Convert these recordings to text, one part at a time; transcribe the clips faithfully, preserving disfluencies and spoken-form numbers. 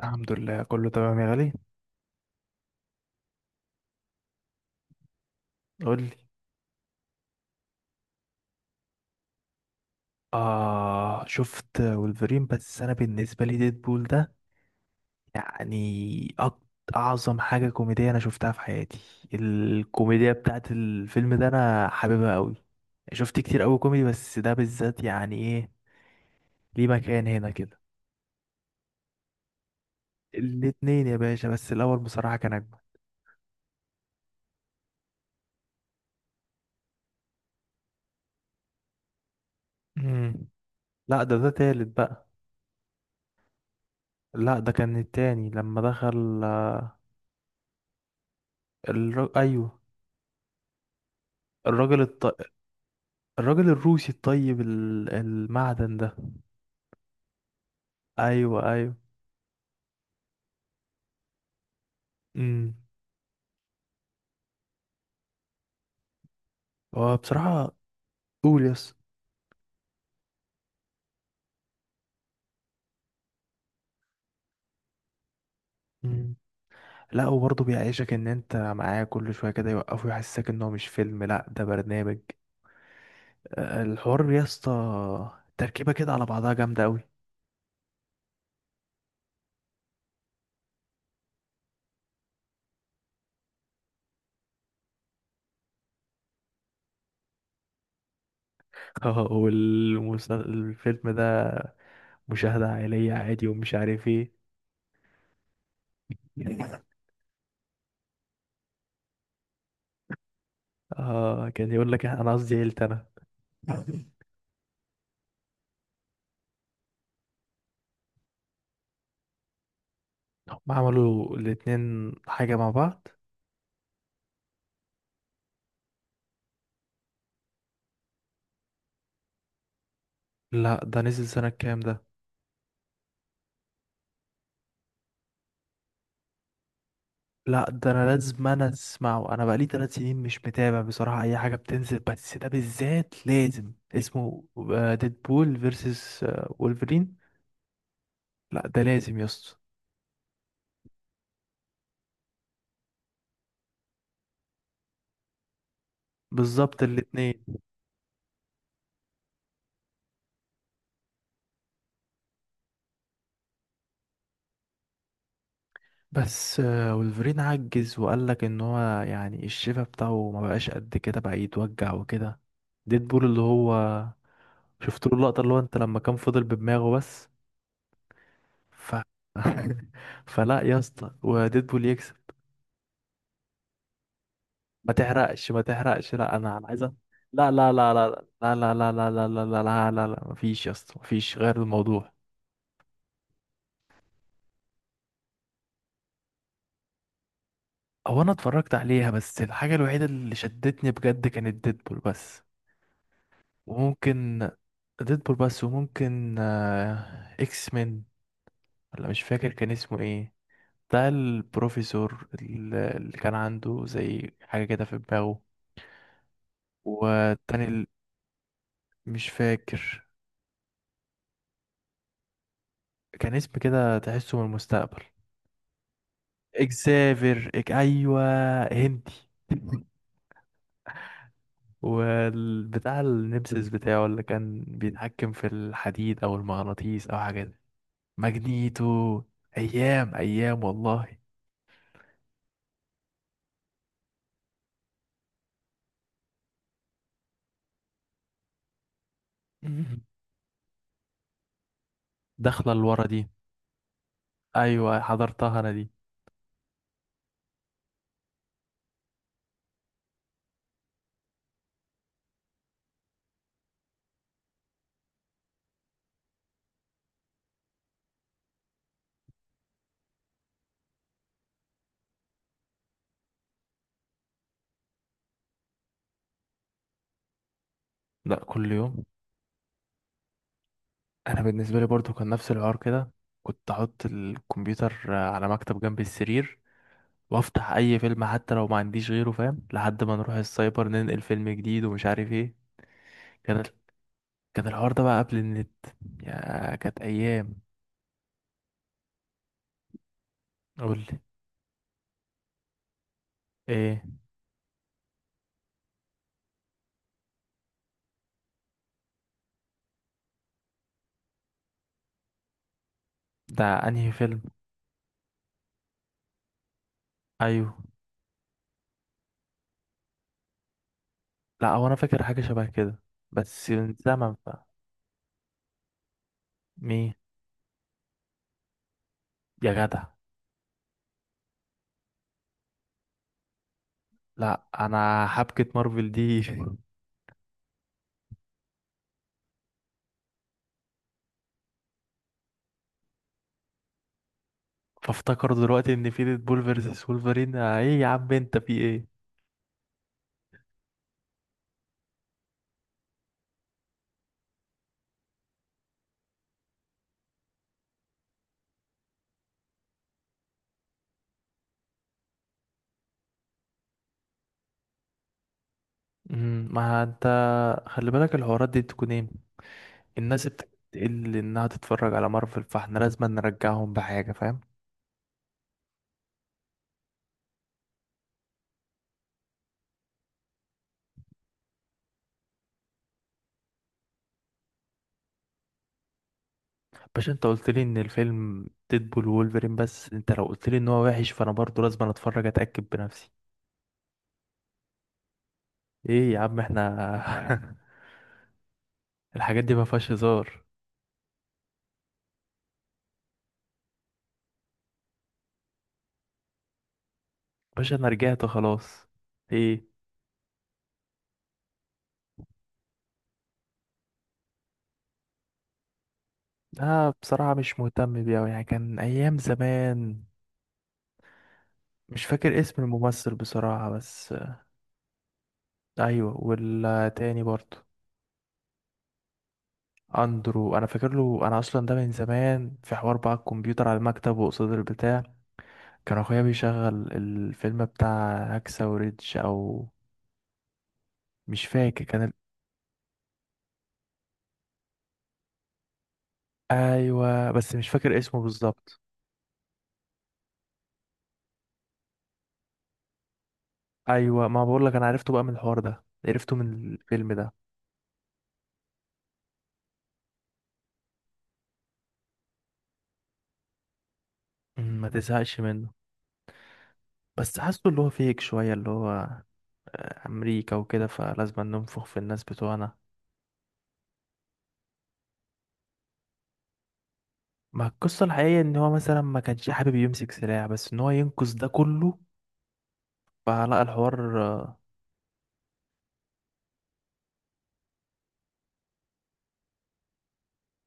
الحمد لله، كله تمام يا غالي. قول لي. آه، شفت ولفرين، بس أنا بالنسبة لي ديدبول ده يعني أك- أعظم حاجة كوميدية أنا شفتها في حياتي. الكوميديا بتاعت الفيلم ده أنا حاببها أوي. شفت كتير أوي كوميدي، بس ده بالذات يعني إيه، ليه مكان هنا كده. الاتنين يا باشا، بس الأول بصراحة كان أجمل. مم. لا، ده ده تالت بقى. لا، ده كان التاني لما دخل، آه، الر... أيوه. الراجل الط... الراجل الروسي الطيب ال- المعدن ده. ايوه ايوه. امم. هو بصراحه. قول يس. امم. لا، وبرضه بيعيشك ان انت معاه، كل شويه كده يوقفه يحسسك ان هو مش فيلم، لا ده برنامج. آه، الحوار يا اسطى، تركيبه كده على بعضها جامده قوي. والفيلم ده مشاهده عائليه عادي ومش عارف ايه. اه، كان يقول لك إيه، انا قصدي عيلتي انا. هم عملوا الاتنين حاجه مع بعض؟ لا ده نزل سنه كام ده؟ لا ده انا لازم، انا اسمعه، انا بقالي تلات سنين مش متابع بصراحة اي حاجة بتنزل، بس ده بالذات لازم اسمه. ديدبول فيرسس وولفرين. لا ده لازم يا اسطى. بالظبط الاتنين. بس آه، وولفرين عجز وقال لك ان هو يعني الشفا بتاعه ما بقاش قد كده بقى، يتوجع وكده. ديدبول اللي هو، شفت له اللقطة اللي هو انت لما كان فضل بدماغه بس. ف... فلا يا اسطى، وديدبول يكسب. ما تحرقش ما تحرقش، لا انا انا عايز أ- لا لا لا لا لا لا لا لا لا لا لا لا لا لا، مفيش يا اسطى، مفيش غير الموضوع. هو انا اتفرجت عليها، بس الحاجة الوحيدة اللي شدتني بجد كانت ديدبول بس. وممكن ديدبول بس، وممكن آه، اكس مين، ولا مش فاكر كان اسمه ايه. بتاع البروفيسور اللي اللي كان عنده زي حاجة كده في دماغه. والتاني ال- مش فاكر، كان اسم كده تحسه من المستقبل. اكسافير، إك... ايوه. هندي. والبتاع النمسيس بتاعه اللي كان بيتحكم في الحديد او المغناطيس او حاجه دي. ماجنيتو. ايام ايام والله. داخله لورا دي. ايوه حضرتها انا دي. لا، كل يوم. انا بالنسبه لي برضو كان نفس الحوار كده، كنت احط الكمبيوتر على مكتب جنب السرير، وافتح اي فيلم حتى لو ما عنديش غيره فاهم، لحد ما نروح السايبر ننقل فيلم جديد ومش عارف ايه. كان كان الحوار ده بقى قبل النت. يا كانت ايام. قول لي. ايه ده، انهي فيلم؟ ايوه. لا، هو انا فاكر حاجه شبه كده، بس من زمن بقى. مين؟ يا جدع، لا انا حبكه مارفل دي. فافتكر دلوقتي ان في ديدبول فيرسس وولفرين، ايه يا عم انت في ايه؟ مم، ما انت خلي بالك الحوارات دي تكون ايه، الناس بتقل انها تتفرج على مارفل، فاحنا لازم نرجعهم بحاجه فاهم. باش، انت قلت لي ان الفيلم ديدبول وولفرين، بس انت لو قلت لي ان هو وحش فانا برضو لازم أنا اتفرج اتاكد بنفسي. ايه يا عم احنا. الحاجات دي ما فيهاش هزار. باشا انا رجعت خلاص. ايه. اه، بصراحه مش مهتم بيه أوي، يعني كان ايام زمان. مش فاكر اسم الممثل بصراحه بس. ايوه، والتاني برضو. اندرو، انا فاكر له، انا اصلا ده من زمان، في حوار بقى الكمبيوتر على المكتب وقصاد البتاع، كان اخويا بيشغل الفيلم بتاع هاكسا وريدج، او مش فاكر كان ال- ايوه، بس مش فاكر اسمه بالظبط. ايوه، ما بقول لك انا عرفته بقى من الحوار ده، عرفته من الفيلم ده. مم، ما تزهقش منه. بس حاسه اللي هو فيك شويه، اللي هو امريكا وكده، فلازم ننفخ في الناس بتوعنا. ما القصه الحقيقيه ان هو مثلا ما كانش حابب يمسك سلاح، بس ان هو ينقذ ده كله. فلا، الحوار آه،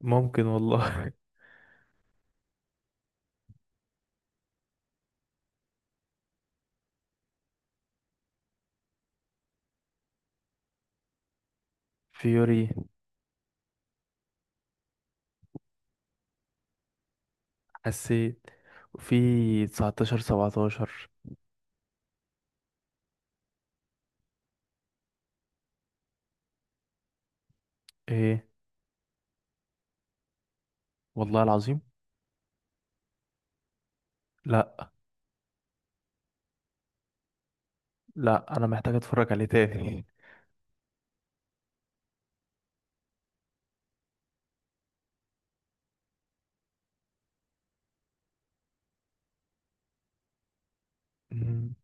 ممكن والله. فيوري، حسيت. في تسعتاشر سبعتاشر. ايه. والله العظيم. لا، لا انا محتاج اتفرج عليه تاني. مم.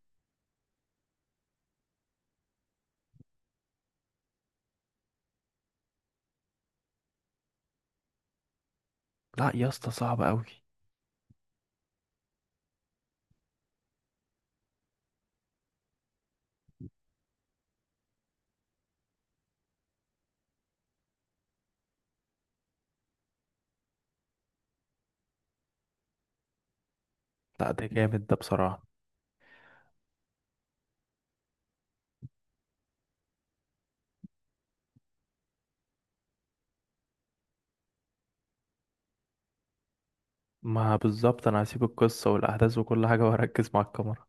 لا يا اسطى صعب قوي. لا ده جامد ده بصراحة. ما بالظبط، انا هسيب القصة والاحداث وكل حاجة واركز مع الكاميرا.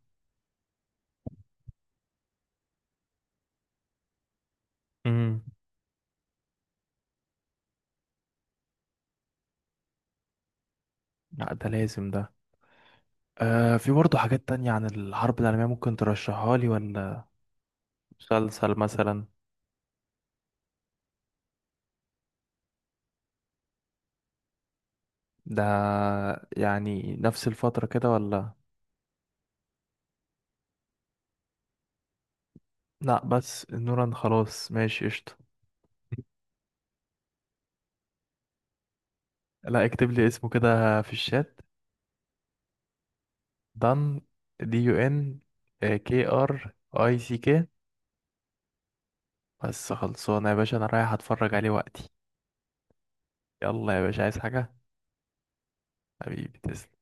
امم. لا ده لازم ده. آه، في برضه حاجات تانية عن الحرب العالمية ممكن ترشحها لي ولا؟ مسلسل مثلا. ده يعني نفس الفترة كده ولا؟ لا، بس نوران خلاص، ماشي قشطة. لا، اكتب لي اسمه كده في الشات. دان. دي يو ان. كي ار. اي سي كي. بس خلصانه يا باشا، انا رايح اتفرج عليه وقتي. يلا يا باشا، عايز حاجه؟ حبيبي. تسلم.